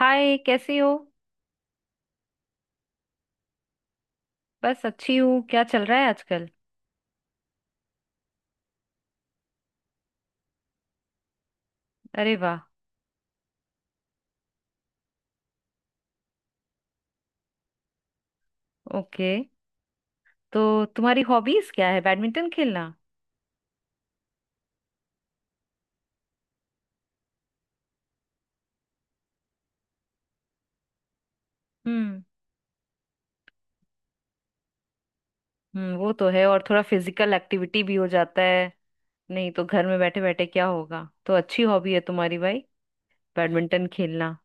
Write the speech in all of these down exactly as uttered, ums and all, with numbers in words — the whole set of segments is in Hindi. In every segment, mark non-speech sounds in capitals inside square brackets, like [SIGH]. हाय, कैसी हो? बस अच्छी हूँ। क्या चल रहा है आजकल? अरे वाह। ओके। तो तुम्हारी हॉबीज क्या है, बैडमिंटन खेलना? हम्म। हम्म, वो तो है। और थोड़ा फिजिकल एक्टिविटी भी हो जाता है। नहीं तो घर में बैठे बैठे क्या होगा, तो अच्छी हॉबी है तुम्हारी भाई, बैडमिंटन खेलना।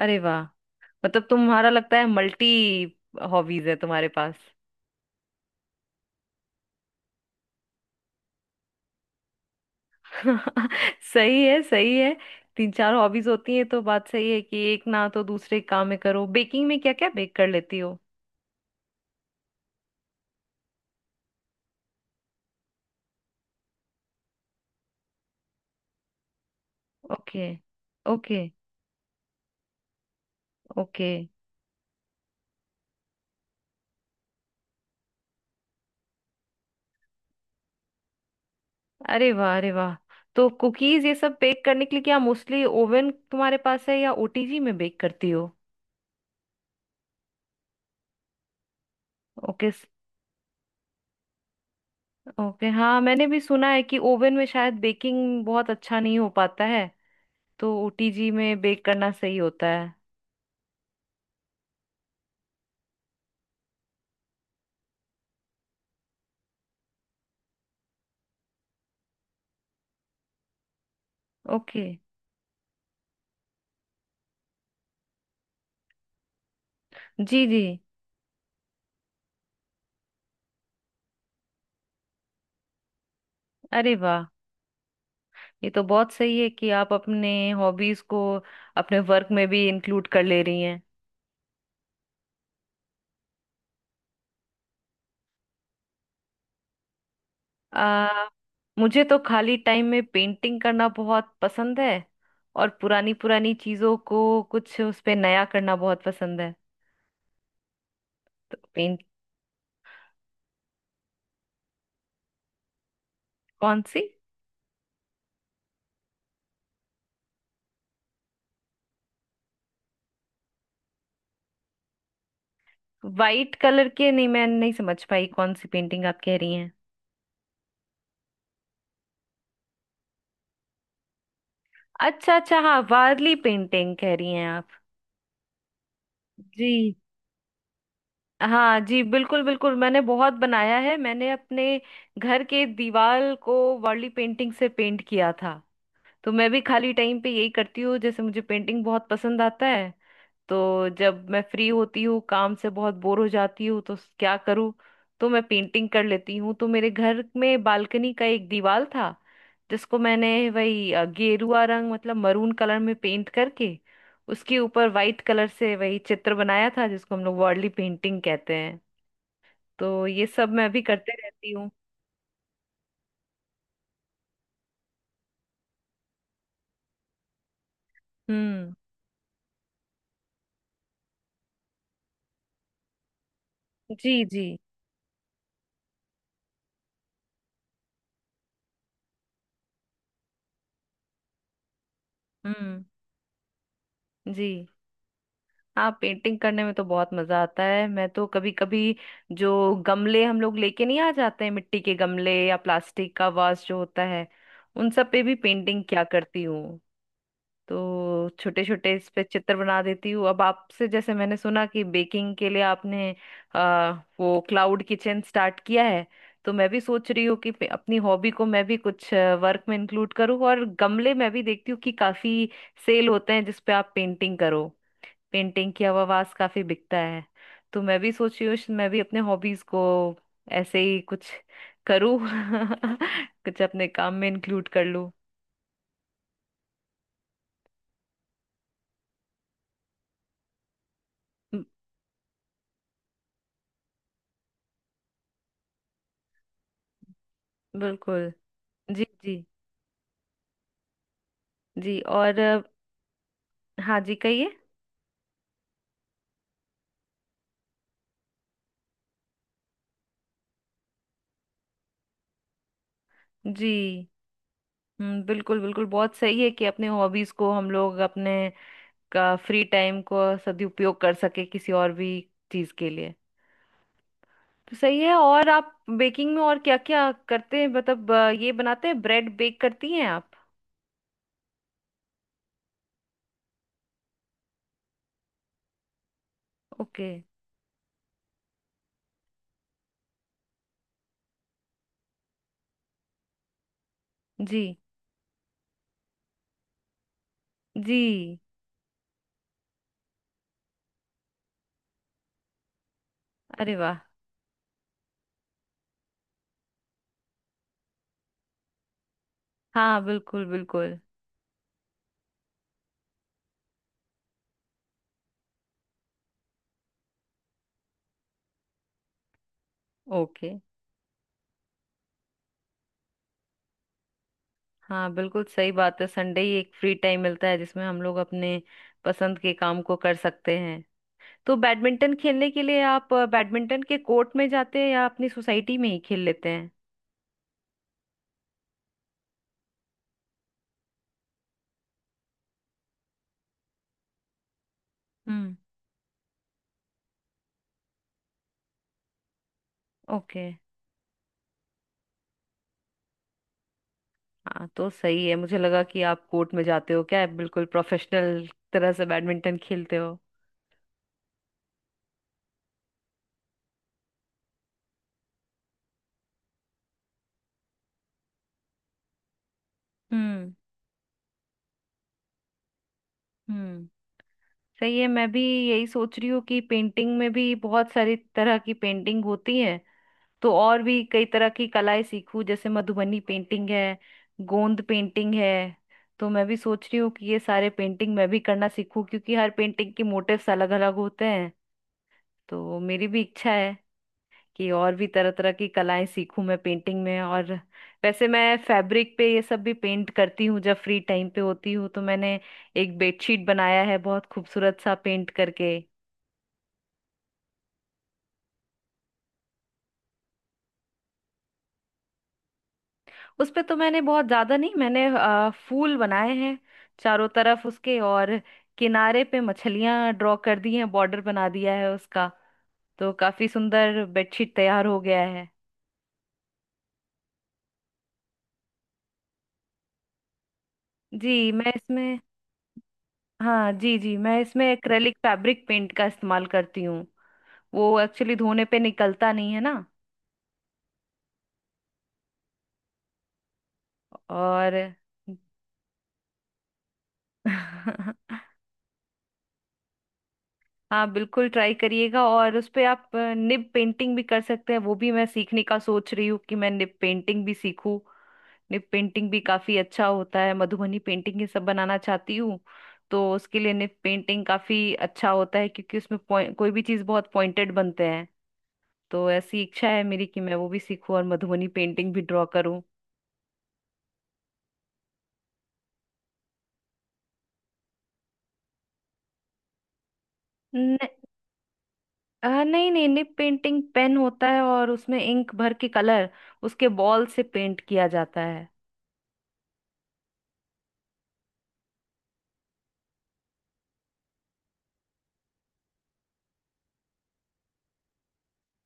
अरे वाह। मतलब तुम्हारा लगता है मल्टी हॉबीज है तुम्हारे पास। [LAUGHS] सही है, सही है। तीन चार हॉबीज होती है तो बात सही है कि एक ना तो दूसरे काम में करो। बेकिंग में क्या क्या बेक कर लेती हो? ओके। ओके। ओके। अरे वाह, अरे वाह। तो कुकीज ये सब बेक करने के लिए क्या मोस्टली ओवन तुम्हारे पास है या ओटीजी में बेक करती हो? ओके। स- ओके। हाँ, मैंने भी सुना है कि ओवन में शायद बेकिंग बहुत अच्छा नहीं हो पाता है, तो ओटीजी में बेक करना सही होता है। ओके। जी जी। अरे वाह। ये तो बहुत सही है कि आप अपने हॉबीज को अपने वर्क में भी इंक्लूड कर ले रही हैं। आ, मुझे तो खाली टाइम में पेंटिंग करना बहुत पसंद है। और पुरानी पुरानी चीजों को कुछ उस पे नया करना बहुत पसंद है। तो पेंट कौन सी? वाइट कलर के नहीं, मैं नहीं समझ पाई कौन सी पेंटिंग आप कह रही हैं। अच्छा अच्छा, हाँ, वारली पेंटिंग कह रही हैं आप। जी। हाँ जी, बिल्कुल बिल्कुल। मैंने बहुत बनाया है। मैंने अपने घर के दीवार को वार्ली पेंटिंग से पेंट किया था। तो मैं भी खाली टाइम पे यही करती हूँ। जैसे मुझे पेंटिंग बहुत पसंद आता है, तो जब मैं फ्री होती हूँ, काम से बहुत बोर हो जाती हूँ, तो क्या करूँ, तो मैं पेंटिंग कर लेती हूँ। तो मेरे घर में बालकनी का एक दीवार था जिसको मैंने वही अ, गेरुआ रंग मतलब मरून कलर में पेंट करके उसके ऊपर वाइट कलर से वही चित्र बनाया था जिसको हम लोग वर्ली पेंटिंग कहते हैं। तो ये सब मैं भी करते रहती हूँ। हम्म। जी जी। हम्म। जी। हाँ, पेंटिंग करने में तो बहुत मजा आता है। मैं तो कभी कभी जो गमले हम लोग लेके नहीं आ जाते हैं, मिट्टी के गमले या प्लास्टिक का वास जो होता है, उन सब पे भी पेंटिंग क्या करती हूँ, तो छोटे छोटे इस पे चित्र बना देती हूँ। अब आपसे जैसे मैंने सुना कि बेकिंग के लिए आपने आ, वो क्लाउड किचन स्टार्ट किया है, तो मैं भी सोच रही हूँ कि पे- अपनी हॉबी को मैं भी कुछ वर्क में इंक्लूड करूँ। और गमले मैं भी देखती हूँ कि काफी सेल होते हैं जिसपे आप पेंटिंग करो, पेंटिंग की आवाज काफी बिकता है। तो मैं भी सोची हूँ श- मैं भी अपने हॉबीज को ऐसे ही कुछ करूँ [LAUGHS] कुछ अपने काम में इंक्लूड कर लूँ। ब- बिल्कुल। जी जी। जी। और अ, हाँ जी, कहिए। जी। हम्म, बिल्कुल बिल्कुल, बहुत सही है कि अपने हॉबीज को हम लोग अपने का फ्री टाइम को सदुपयोग कर सके किसी और भी चीज के लिए। तो सही है। और आप बेकिंग में और क्या क्या करते हैं, मतलब अ, ये बनाते हैं, ब्रेड बेक करती हैं आप? ओके। जी जी। अरे वाह। हाँ, बिल्कुल बिल्कुल। ओके। हाँ, बिल्कुल सही बात है, संडे ही एक फ्री टाइम मिलता है जिसमें हम लोग अपने पसंद के काम को कर सकते हैं। तो बैडमिंटन खेलने के लिए आप अ, बैडमिंटन के कोर्ट में जाते हैं या अपनी सोसाइटी में ही खेल लेते हैं? हम्म। ओके। हाँ तो सही है। मुझे लगा कि आप कोर्ट में जाते हो क्या, आप बिल्कुल प्रोफेशनल तरह से बैडमिंटन खेलते हो। हम्म। हम्म, सही है। मैं भी यही सोच रही हूँ कि पेंटिंग में भी बहुत सारी तरह की पेंटिंग होती है, तो और भी कई तरह की कलाएं सीखूं। जैसे मधुबनी पेंटिंग है, गोंद पेंटिंग है। तो मैं भी सोच रही हूँ कि ये सारे पेंटिंग मैं भी करना सीखूं, क्योंकि हर पेंटिंग के मोटिव्स अलग अलग होते हैं। तो मेरी भी इच्छा है कि और भी तरह तरह की कलाएं सीखूं मैं पेंटिंग में। और वैसे मैं फैब्रिक पे ये सब भी पेंट करती हूँ जब फ्री टाइम पे होती हूँ। तो मैंने एक बेडशीट बनाया है, बहुत खूबसूरत सा पेंट करके। उस पे तो मैंने बहुत ज्यादा नहीं, मैंने अ, फूल बनाए हैं चारों तरफ उसके, और किनारे पे मछलियां ड्रॉ कर दी हैं, बॉर्डर बना दिया है उसका। तो काफी सुंदर बेडशीट तैयार हो गया है। जी मैं इसमें हाँ जी जी, मैं इसमें एक्रेलिक फैब्रिक पेंट का इस्तेमाल करती हूँ। वो एक्चुअली धोने पे निकलता नहीं है ना। और [LAUGHS] हाँ बिल्कुल, ट्राई करिएगा। और उस पे आप अ, निब पेंटिंग भी कर सकते हैं। वो भी मैं सीखने का सोच रही हूँ कि मैं निब पेंटिंग भी सीखूं। निब पेंटिंग भी काफी अच्छा होता है, मधुबनी पेंटिंग ये सब बनाना चाहती हूँ, तो उसके लिए निब पेंटिंग काफी अच्छा होता है, क्योंकि उसमें point- कोई भी चीज बहुत पॉइंटेड बनते हैं। तो ऐसी इच्छा है मेरी कि मैं वो भी सीखूं और मधुबनी पेंटिंग भी ड्रॉ करूं। न, आ, नहीं नहीं, निब पेंटिंग पेन होता है और उसमें इंक भर के कलर उसके बॉल से पेंट किया जाता है।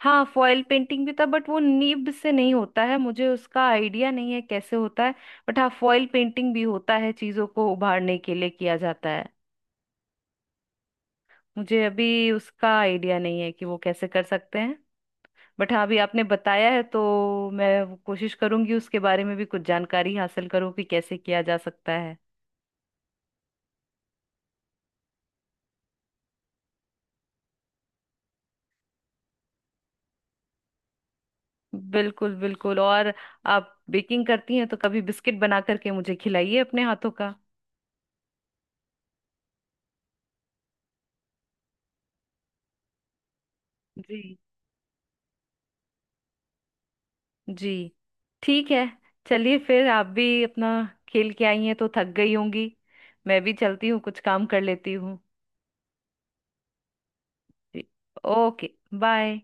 हाँ, फॉयल पेंटिंग भी था बट वो नीब से नहीं होता है, मुझे उसका आइडिया नहीं है कैसे होता है। बट हाँ, फॉयल पेंटिंग भी होता है, चीजों को उभारने के लिए किया जाता है। मुझे अभी उसका आइडिया नहीं है कि वो कैसे कर सकते हैं। बट हाँ, अभी आपने बताया है तो मैं वो कोशिश करूंगी, उसके बारे में भी कुछ जानकारी हासिल करूँ कि कैसे किया जा सकता है। बिल्कुल बिल्कुल। और आप बेकिंग करती हैं तो कभी बिस्किट बना करके मुझे खिलाइए अपने हाथों का। जी। जी। ठीक है। चलिए, फिर आप भी अपना खेल के आई हैं तो थक गई होंगी, मैं भी चलती हूँ, कुछ काम कर लेती हूँ। जी। ओके। बाय।